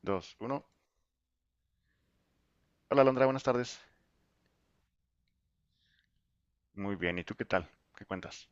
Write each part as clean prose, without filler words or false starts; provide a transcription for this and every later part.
Dos, uno. Hola, Alondra, buenas tardes. Muy bien, ¿y tú qué tal? ¿Qué cuentas?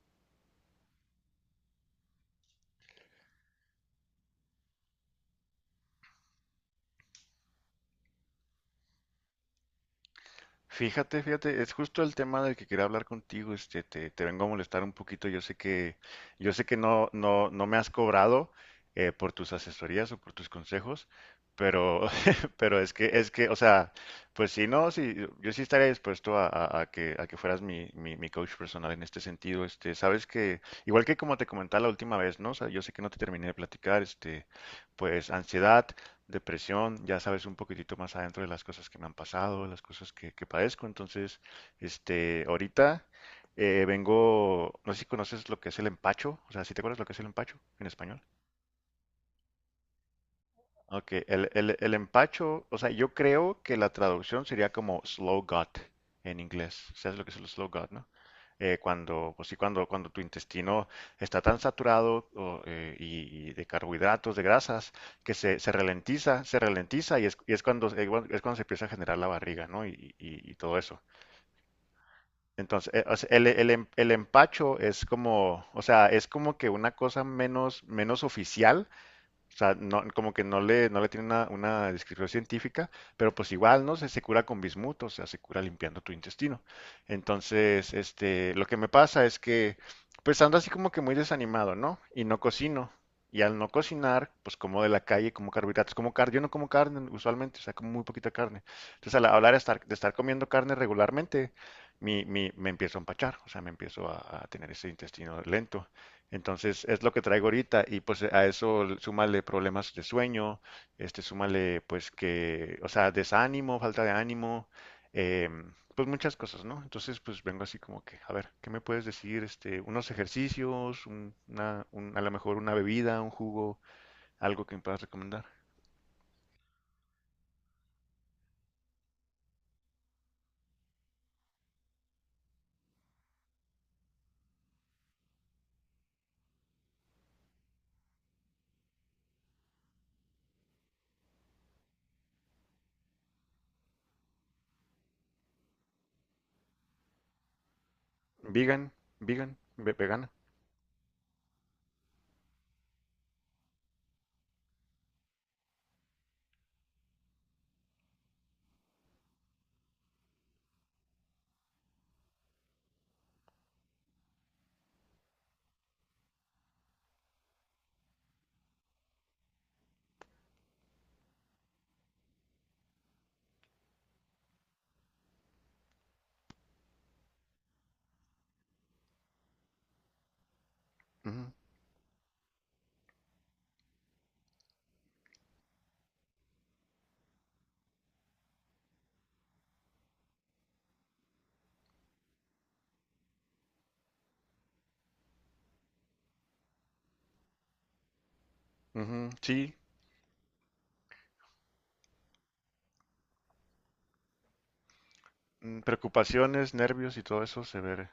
Fíjate, fíjate, es justo el tema del que quería hablar contigo. Te vengo a molestar un poquito. Yo sé que no me has cobrado por tus asesorías o por tus consejos, pero, pero o sea, pues si no, sí, yo sí estaría dispuesto a, a que fueras mi coach personal en este sentido. Este, sabes que, igual que como te comentaba la última vez, ¿no? O sea, yo sé que no te terminé de platicar, este, pues ansiedad, depresión, ya sabes un poquitito más adentro de las cosas que me han pasado, las cosas que padezco. Entonces, este, ahorita vengo, no sé si conoces lo que es el empacho, o sea, ¿si te acuerdas lo que es el empacho en español? Ok, el empacho, o sea, yo creo que la traducción sería como slow gut en inglés. ¿Sabes lo que es el slow gut, no? Cuando, pues sí, cuando, cuando tu intestino está tan saturado y de carbohidratos, de grasas, se ralentiza y es cuando, es cuando se empieza a generar la barriga, ¿no? Y todo eso. Entonces, o sea, el empacho es como, o sea, es como que una cosa menos, menos oficial. O sea, no, como que no le tiene una descripción científica, pero pues igual, ¿no? Se cura con bismuto, o sea, se cura limpiando tu intestino. Entonces, este, lo que me pasa es que, pues ando así como que muy desanimado, ¿no? Y no cocino. Y al no cocinar, pues como de la calle, como carbohidratos, como carne. Yo no como carne usualmente, o sea, como muy poquita carne. Entonces, al hablar de estar comiendo carne regularmente, me empiezo a empachar, o sea, me empiezo a tener ese intestino lento. Entonces es lo que traigo ahorita, y pues a eso súmale problemas de sueño, este, súmale pues que, o sea, desánimo, falta de ánimo, pues muchas cosas, ¿no? Entonces pues vengo así como que, a ver, ¿qué me puedes decir? Este, unos ejercicios, a lo mejor una bebida, un jugo, algo que me puedas recomendar. Vegan, vegana. Ujú, ujú, sí. Mm, preocupaciones, nervios y todo eso se ve.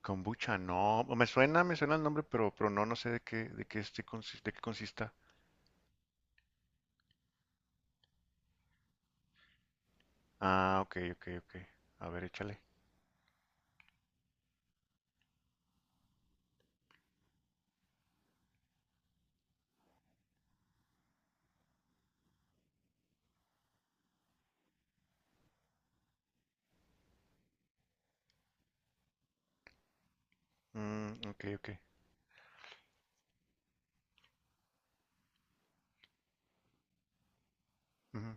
Kombucha, no, me suena el nombre, pero no, no sé de qué, de qué consista. Ah, ok, ok, ok. A ver, échale. Mm, ok, ok. Ujú,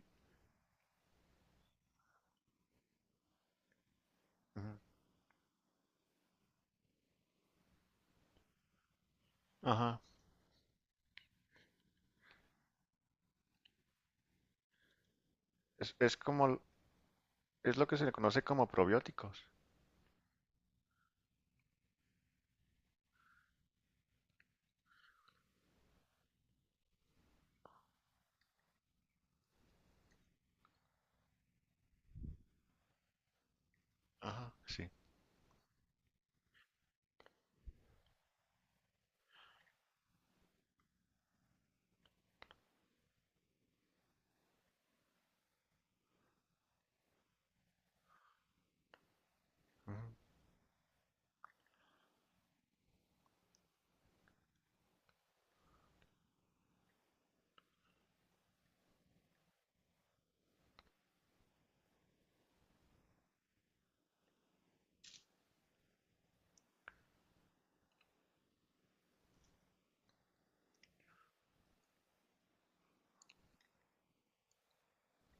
ujú. Ajá. Es, es como, es lo que se le conoce como probióticos. Ajá, sí. Ujú,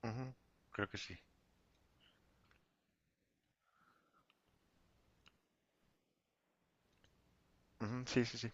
ujú. Creo que sí. Ujú, sí, sí, sí.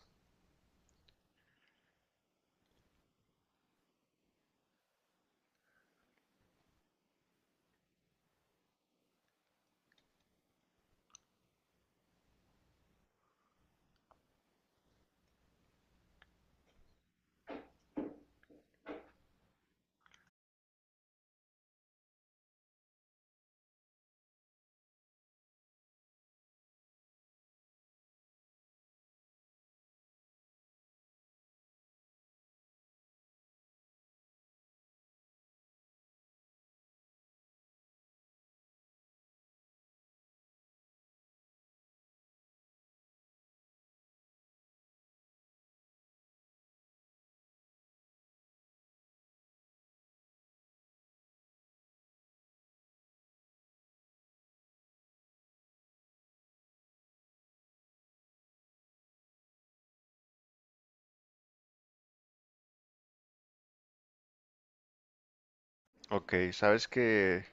Ok, sabes que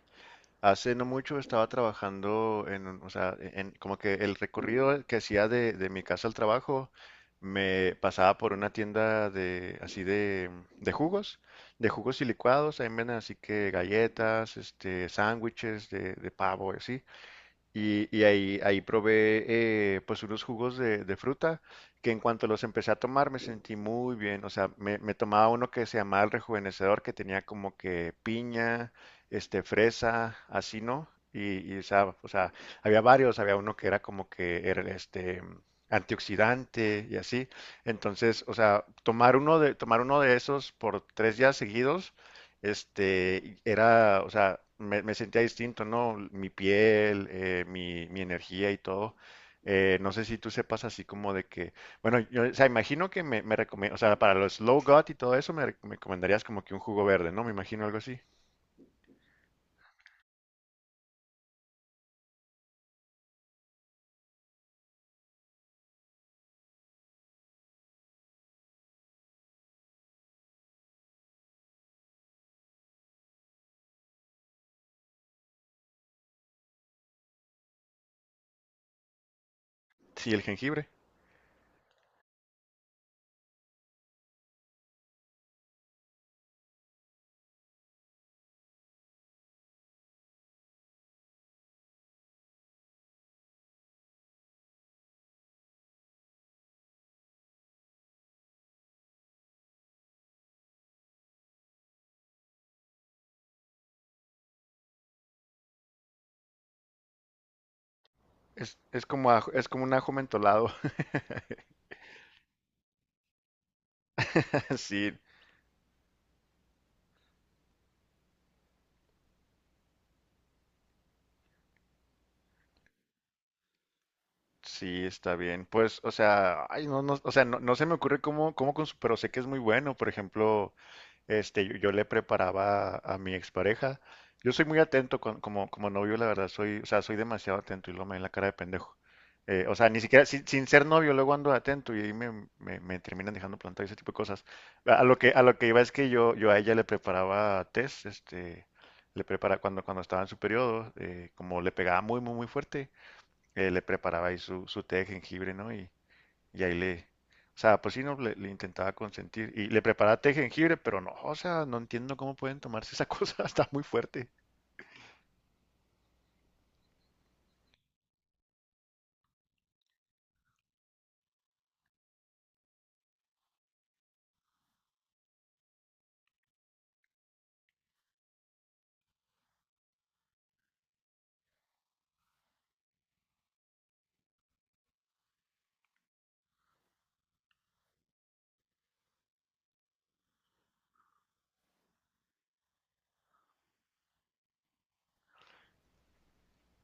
hace no mucho estaba trabajando en, o sea, como que el recorrido que hacía de mi casa al trabajo me pasaba por una tienda de así de, de jugos, de jugos y licuados. Ahí venden así que galletas, este, sándwiches de pavo y así. Ahí probé pues unos jugos de fruta que en cuanto los empecé a tomar me sentí muy bien. O sea, me tomaba uno que se llamaba el rejuvenecedor, que tenía como que piña, este, fresa, así, ¿no? O sea, había varios, había uno que era como que era este antioxidante y así. Entonces, o sea, tomar uno de esos por tres días seguidos, este, era, o sea, me sentía distinto, ¿no? Mi piel, mi, mi energía y todo. No sé si tú sepas así como de que, bueno, yo, o sea, imagino que o sea, para los slow gut y todo eso me recomendarías como que un jugo verde, ¿no? Me imagino algo así. Sí, el jengibre. Es como un ajo mentolado. Sí, sí, está bien. Pues, o sea, ay, no, no, o sea, no, no se me ocurre cómo, cómo con su- pero sé que es muy bueno. Por ejemplo, este, yo le preparaba a mi expareja. Yo soy muy atento como, como novio, la verdad, soy, o sea, soy demasiado atento y lo me ven la cara de pendejo. O sea, ni siquiera, sin ser novio, luego ando atento y ahí me terminan dejando plantado y ese tipo de cosas. A lo que iba es que yo a ella le preparaba test, este, le preparaba cuando, cuando estaba en su periodo, como le pegaba muy fuerte. Le preparaba ahí su, su té de jengibre, ¿no? Y ahí le, o sea, pues sí, no, le intentaba consentir. Y le preparaba té de jengibre, pero no, o sea, no entiendo cómo pueden tomarse esa cosa, está muy fuerte.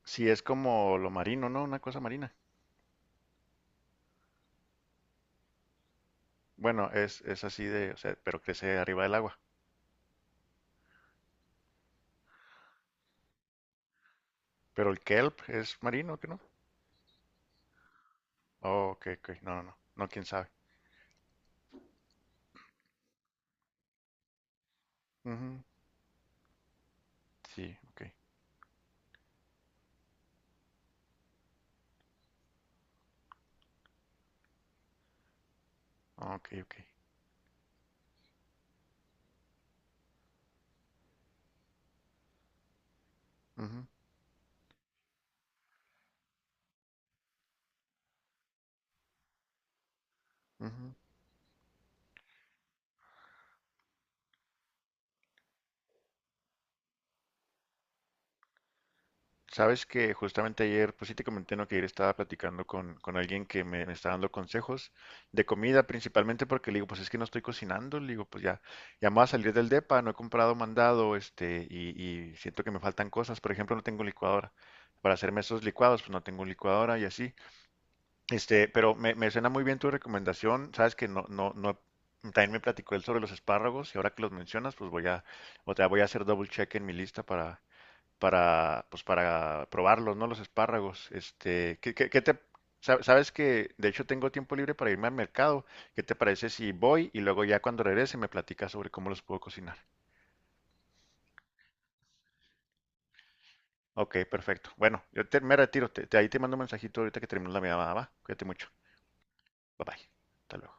¿Si es como lo marino, no? Una cosa marina. Bueno, es así de, o sea, pero crece arriba del agua. Pero el kelp es marino, ¿qué no? Oh, ok, ok, no, no, no, no, quién sabe. Ujú. Sí, ok, ok, ok. Ujú, ujú. Sabes que justamente ayer, pues sí te comenté, ¿no? Que ayer estaba platicando con alguien que me está dando consejos de comida, principalmente porque le digo, pues es que no estoy cocinando, le digo, pues ya, ya me voy a salir del depa, no he comprado mandado, este, y siento que me faltan cosas. Por ejemplo, no tengo licuadora. Para hacerme esos licuados, pues no tengo licuadora y así. Este, pero me suena muy bien tu recomendación. Sabes que no, no, no, también me platicó él sobre los espárragos, y ahora que los mencionas, pues voy a, o sea, voy a hacer double check en mi lista para, pues para probarlos, ¿no? Los espárragos. Este, ¿qué, qué te, sabes que de hecho tengo tiempo libre para irme al mercado? ¿Qué te parece si voy y luego ya cuando regrese me platicas sobre cómo los puedo cocinar? Ok, perfecto. Bueno, me retiro. Ahí te mando un mensajito ahorita que termino la llamada, ¿va? Cuídate mucho. Bye bye. Hasta luego.